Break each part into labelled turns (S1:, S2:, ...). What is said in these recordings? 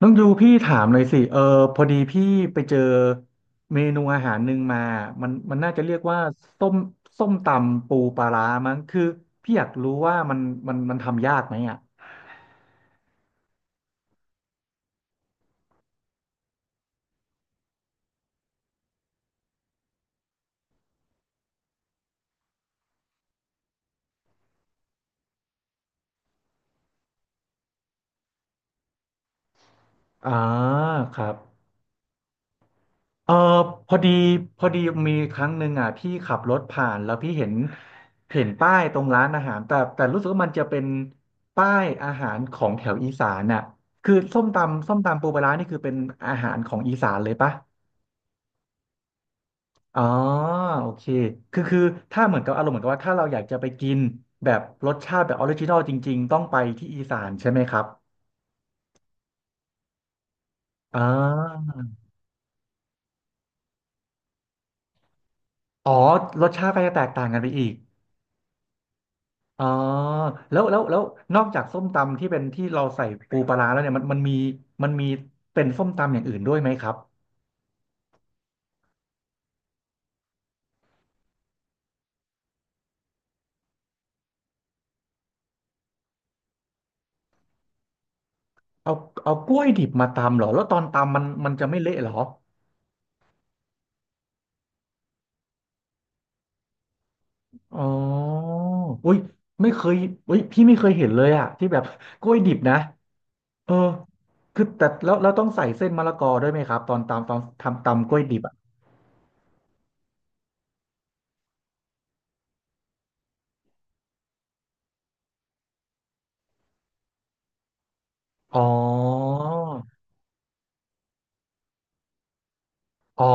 S1: น้องยูพี่ถามเลยสิพอดีพี่ไปเจอเมนูอาหารหนึ่งมามันน่าจะเรียกว่าส้มส้มตำปูปลาร้ามั้งคือพี่อยากรู้ว่ามันทำยากไหมอ่ะอ่าครับเออพอดีพอดีมีครั้งหนึ่งอ่ะพี่ขับรถผ่านแล้วพี่เห็นป้ายตรงร้านอาหารแต่รู้สึกว่ามันจะเป็นป้ายอาหารของแถวอีสานน่ะคือส้มตำปูปลาร้านี่คือเป็นอาหารของอีสานเลยปะ อ๋อโอเคคือถ้าเหมือนกับอารมณ์เหมือนกับว่าถ้าเราอยากจะไปกินแบบรสชาติแบบออริจินอลจริงๆต้องไปที่อีสานใช่ไหมครับอ๋ออ๋อรสชาติก็จะแตกต่างกันไปอีกอ๋อแล้วนอกจากส้มตำที่เป็นที่เราใส่ปูปลาร้าแล้วเนี่ยมันมีเป็นส้มตำอย่างอื่นด้วยไหมครับเอาเอากล้วยดิบมาตำเหรอแล้วตอนตำมันจะไม่เละเหรออ๋ออุ้ยไม่เคยอุ้ยพี่ไม่เคยเห็นเลยอะที่แบบ กล้วยดิบนะ เออคือแต่แล้วต้องใส่เส้นมะละกอด้วยไหมครับตอนตำตอนทำตำกล้วยดิบอ่ะอ๋ออ๋อ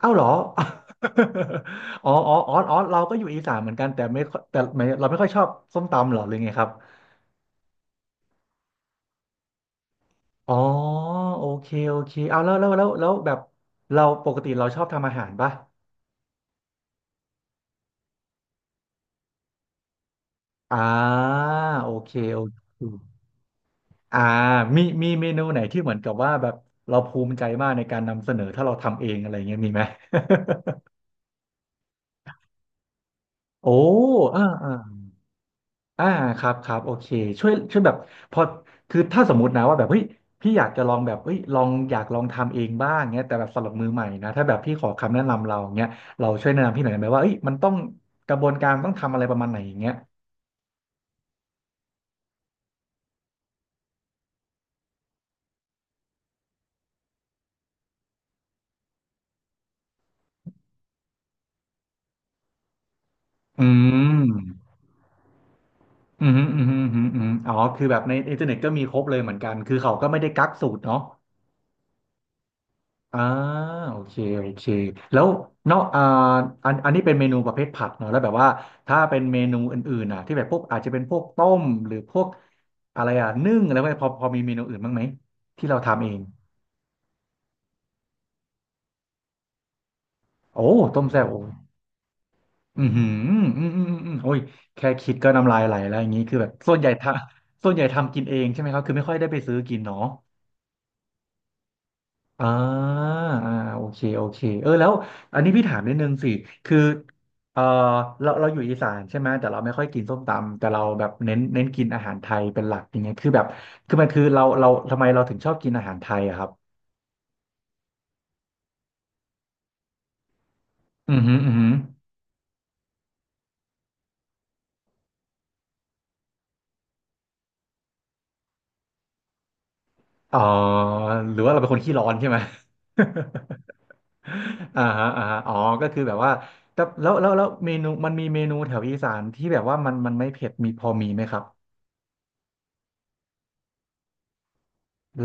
S1: เอ้าเหรอ อ๋อ อ๋อ อ๋อ อ๋อ เราก็อยู่อีสานเหมือนกันแต่ไม่ค่อยแต่ไม่เราไม่ค่อยชอบส้มตำเหรอหรือไงครับ อ๋อ โอเคเอาแล้วแบบเราปกติเราชอบทำอาหารปะอ่าโอเคอ่ามีเมนูไหนที่เหมือนกับว่าแบบเราภูมิใจมากในการนำเสนอถ้าเราทำเองอะไรเงี้ยมีไหม โอ้อ่าอ่าอ่าครับโอเคช่วยแบบพอคือถ้าสมมตินะว่าแบบเฮ้ยพี่อยากจะลองแบบเฮ้ยลองอยากลองทำเองบ้างเงี้ยแต่แบบสำหรับมือใหม่นะถ้าแบบพี่ขอคำแนะนำเราเงี้ยเราช่วยแนะนำพี่หน่อยได้ไหมว่าเฮ้ยมันต้องกระบวนการต้องทำอะไรประมาณไหนอย่างเงี้ยอืมอืมฮึอืมฮึอืมฮึอืมอ๋อคือแบบในอินเทอร์เน็ตก็มีครบเลยเหมือนกันคือเขาก็ไม่ได้กักสูตรเนาะ อ่าโอเคแล้วเนาะอ่าอันนี้เป็นเมนูประเภทผัดเนาะแล้วแบบว่าถ้าเป็นเมนูอื่นๆอ่ะที่แบบพวกอาจจะเป็นพวกต้มหรือพวกอะไรอ่ะนึ่งอะไรพวกนี้พอมีเมนูอื่นบ้างไหมที่เราทำเองโอ้ต้มแซ่บโอ้อือหือโอ้ยแค่คิดก็น้ำลายไหลแล้วอย่างนี้คือแบบส่วนใหญ่ทำกินเองใช่ไหมครับคือไม่ค่อยได้ไปซื้อกินเนาะ อ่าอ่าโอเคเออแล้วอันนี้พี่ถามนิดนึงสิคือเออเราอยู่อีสานใช่ไหมแต่เราไม่ค่อยกินส้มตำแต่เราแบบเน้นกินอาหารไทยเป็นหลักอย่างเงี้ยคือแบบคือมันคือเราทำไมเราถึงชอบกินอาหารไทยอะครับอือหืออือหืออ๋อหรือว่าเราเป็นคนขี้ร้อนใช่ไหม อ่าฮะอ๋อก็คือแบบว่าแต่แล้วเมนูมันมีเมนูแถวอีสานที่แบบว่ามันไม่เผ็ดมีพอมีไหมครับ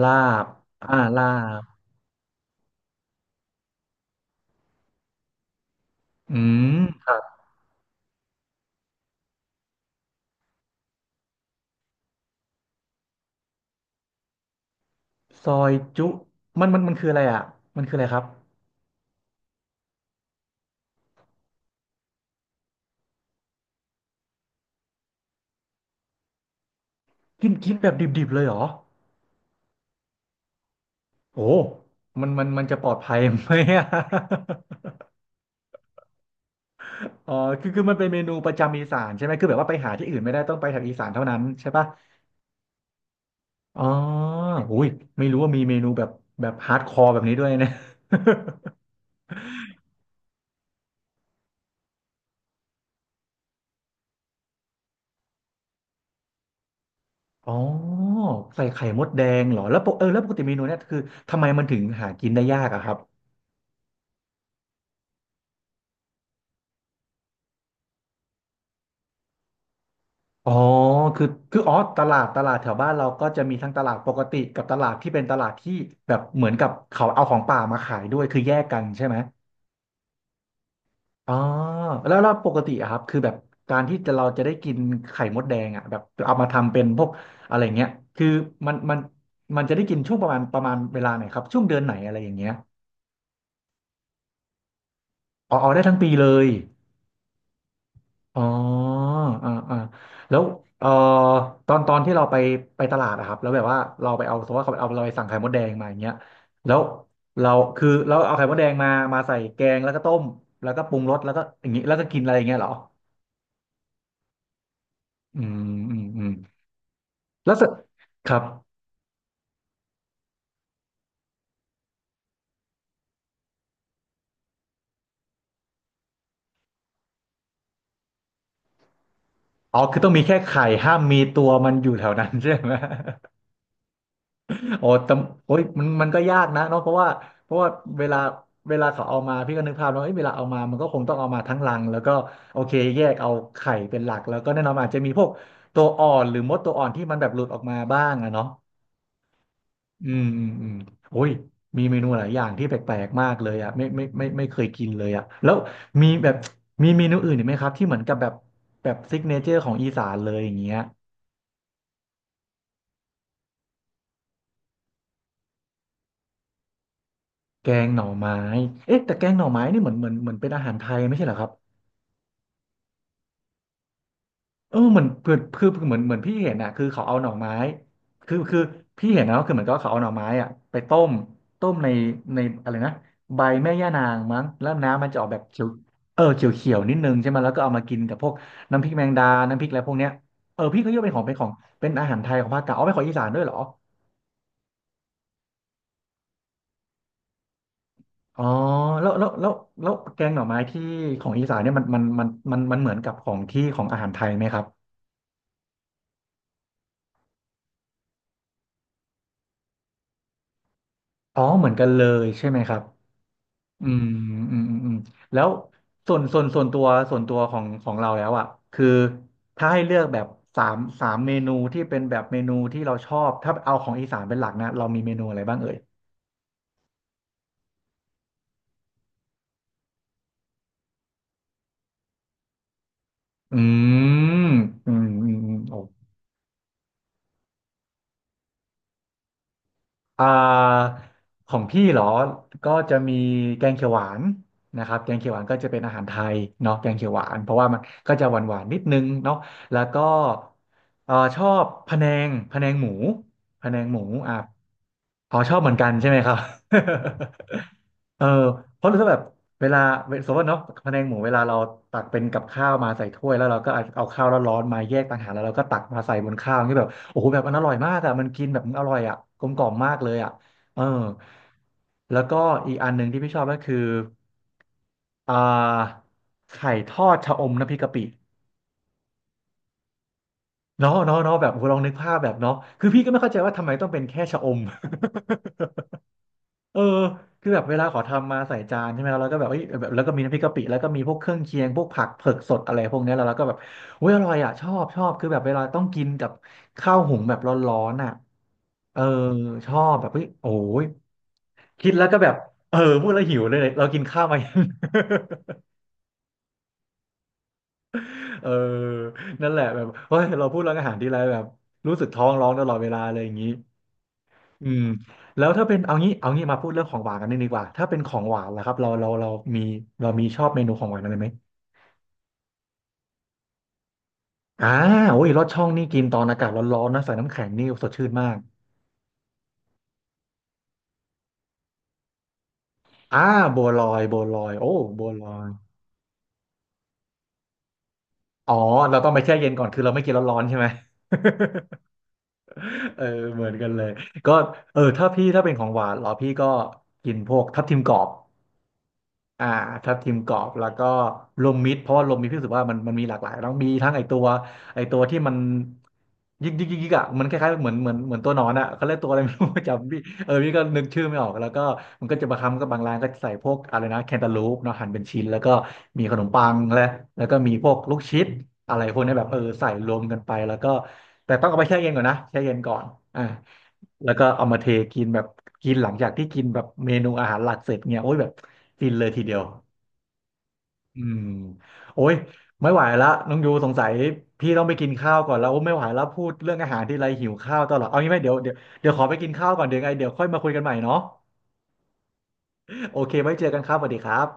S1: ลาบอ่าลาบอืม ซอยจุมันคืออะไรอ่ะมันคืออะไรครับกินกินแบบดิบๆเลยเหรอ โอ้มันจะปลอดภัยไหมอะ อ๋อคือมันเป็นเมนูประจำอีสานใช่ไหมคือแบบว่าไปหาที่อื่นไม่ได้ต้องไปทางอีสานเท่านั้นใช่ปะอ๋ออุ้ยไม่รู้ว่ามีเมนูแบบแบบฮาร์ดคอร์แบบนี้ด้วยนะ อ๋อใส่ไข่มดแดงเหรอ แล้วปกแล้วปกติเมนูเนี่ยคือทำไมมันถึงหากินได้ยากอะครับ อ๋อคือคืออ๋อตลาดแถวบ้านเราก็จะมีทั้งตลาดปกติกับตลาดที่เป็นตลาดที่แบบเหมือนกับเขาเอาของป่ามาขายด้วย คือแยกกันใช่ไหมอ๋อแล้วปกติอะครับคือแบบการที่จะเราจะได้กินไข่มดแดงอะแบบเอามาทำเป็นพวกอะไรเงี้ยคือมันมันมันจะได้กินช่วงประมาณเวลาไหนครับช่วงเดือนไหนอะไรอย่างเงี้ยอ๋อได้ทั้งปีเลย อ๋ออ่าอ่าแล้วเอ่อตอนที่เราไปไปตลาดอะครับแล้วแบบว่าเราไปเอาสมมติว่าเขาเอาเราไปสั่งไข่มดแดงมาอย่างเงี้ยแล้วเราคือเราเอาไข่มดแดงมามาใส่แกงแล้วก็ต้มแล้วก็ปรุงรสแล้วก็อย่างงี้แล้วก็กินอะไรอย่างเงี้ยเหรออืมอืมอืมแล้วเสร็จครับอ๋อคือต้องมีแค่ไข่ห้ามมีตัวมันอยู่แถวนั้น ใช่ไหม โอ้แต่โอ้ยมันมันก็ยากนะเนาะเพราะว่าเวลาเวลาเขาเอามาพี่ก็นึกภาพแล้วเอ้ยเวลาเอามามันก็คงต้องเอามาทั้งรัง แล้วก็โอเคแยกเอาไข่เป็นหลัก แล้วก็แน่นอนมันอาจจะมีพวกตัวอ่อนหรือมดตัวอ่อนที่มันแบบหลุดออกมาบ้างอะเนาะอืมอืมอืมโอ้ยมีเมนูหลายอย่างที่แปลกๆ มากเลยอะไม่เคยกินเลยอะแล้วมีแบบมีเมนูอื่นอีกไหมครับที่เหมือนกับแบบแบบซิกเนเจอร์ของอีสานเลยอย่างเงี้ยแกงหน่อไม้เอ๊ะแต่แกงหน่อไม้นี่เหมือนเป็นอาหารไทยไม่ใช่เหรอครับ เออเหมือนเือนคือเหมือนพี่เห็นอ่ะคือเขาเอาหน่อไม้คือพี่เห็นนะก็คือเหมือนกับว่าเขาเอาหน่อไม้อ่ะไปต้มต้มในอะไรนะใบแม่ย่านางมั้งแล้วน้ำมันจะออกแบบเขียวเออเขียวเขียวนิดนึงใช่ไหมแล้วก็เอามากินกับพวกน้ำพริกแมงดาน้ำพริกอะไรพวกเนี้ยเออพี่ก็ยกเป็นของเป็นอาหารไทยของภาคกลางเอาไปนของอีสานด้วยเหรออ๋อแล้วแล้วแกงหน่อไม้ที่ของอีสานเนี่ยมันเหมือนกับของที่ของอาหารไทยไหมครับอ๋อเหมือนกันเลยใช่ไหมครับ อืมอืมอืมอืมแล้วส่วนตัวส่วนตัวของของเราแล้วอ่ะคือถ้าให้เลือกแบบสามเมนูที่เป็นแบบเมนูที่เราชอบถ้าเอาของอีสานเป็นหลักนะเรามีเมนูอะไรบ้างเอ่ยอืมอืมอืมอืมโอ อ่าของพี่เหรอก็จะมีแกงเขียวหวานนะครับแกงเขียวหวานก็จะเป็นอาหารไทยเนาะแกงเขียวหวานเพราะว่ามันก็จะหวานหวานนิดนึงเนาะแล้วก็ชอบพะแนงหมูพะแนงหมูอ่ะอ๋อชอบเหมือนกันใช่ไหมครับ เออเพราะถ้าแบบเวลาสมมติว่าเนาะพะแนงหมูเวลาเราตักเป็นกับข้าวมาใส่ถ้วยแล้วเราก็เอาข้าวร้อนๆมาแยกต่างหากแล้วเราก็ตักมาใส่บนข้าวอย่างนี่แบบโอ้โหแบบมันอร่อยมากอ่ะมันกินแบบมันอร่อยอะกลมกล่อมมากเลยอะเออแล้วก็อีกอันหนึ่งที่พี่ชอบก็คืออ่าไข่ทอดชะอมน้ำพริกกะปิเนาะเนาะเนาะแบบโอ้โหลองนึกภาพแบบเนาะคือพี่ก็ไม่เข้าใจว่าทำไมต้องเป็นแค่ชะอม เออคือแบบเวลาขอทำมาใส่จานใช่ไหมแล้วเราก็แบบเอ้ยแบบแล้วก็มีน้ำพริกกะปิแล้วก็มีพวกเครื่องเคียงพวกผักเผือกสดอะไรพวกเนี้ยแล้วเราก็แบบอุ้ยอร่อยอ่ะชอบชอบคือแบบเวลาต้องกินกับข้าวหุงแบบร้อนๆอ่ะเออชอบแบบเฮ้ยโอ้ยคิดแล้วก็แบบเออพูดแล้วหิวเลยเนี่ยเรากินข้าวมายัง เออนั่นแหละแบบเฮ้ยเราพูดเรื่องอาหารทีไรแบบรู้สึกท้องร้องตลอดเวลาเลยอย่างนี้ อืมแล้วถ้าเป็นเอางี้เอางี้มาพูดเรื่องของหวานกันนิดดีกว่าถ้าเป็นของหวานล่ะครับเรามีเรามีชอบเมนูของหวานอะไรไหมอ่าโอ้ยลอดช่องนี่กินตอนอากาศร้อนๆนะใส่น้ำแข็งนี่สดชื่นมากอ่าบัวลอยโอ้บัวลอยอ๋อเราต้องไปแช่เย็นก่อนคือเราไม่กินร้อนๆใช่ไหม เออเหมือนกันเลยก็เออถ้าพี่ถ้าเป็นของหวานเหรอพี่ก็กินพวกทับทิมกรอบ อ่าทับทิมกรอบแล้วก็ลมมิตรเพราะว่าลมมิตรพี่รู้สึกว่ามันมีหลากหลายต้องมีทั้งไอตัวไอตัวที่มันยิกยิกอ่ะมันคล้ายๆเหมือนตัวหนอนอ่ะเขาเรียกตัวอะไร ไม่รู้ จำพี่เออพี่ก็นึกชื่อไม่ออกแล้วก็มันก็จะมาคำก็บางร้านก็ใส่พวกอะไรนะแคนตาลูปเนาะหั่นเป็นชิ้นแล้วก็มีขนมปังและแล้วก็มีพวกลูกชิดอะไรพวกเนี้ยแบบเออใส่รวมกันไปแล้วก็แต่ต้องเอาไปแช่เย็นก่อนนะแช่เย็นก่อนอ่าแล้วก็เอามาเทกินแบบกินหลังจากที่กินแบบเมนูอาหารหลักเสร็จเนี่ยโอ้ยแบบฟินเลยทีเดียว อืมโอ้ยไม่ไหวละน้องยูสงสัยพี่ต้องไปกินข้าวก่อนแล้วโอ้ไม่ไหวแล้วพูดเรื่องอาหารที่ไรหิวข้าวตลอดเอางี้ไหมเดี๋ยวขอไปกินข้าวก่อนเดี๋ยวไงเดี๋ยวค่อยมาคุยกันใหม่เนาะโอเคไว้เจอกันครับสวัสดีครับ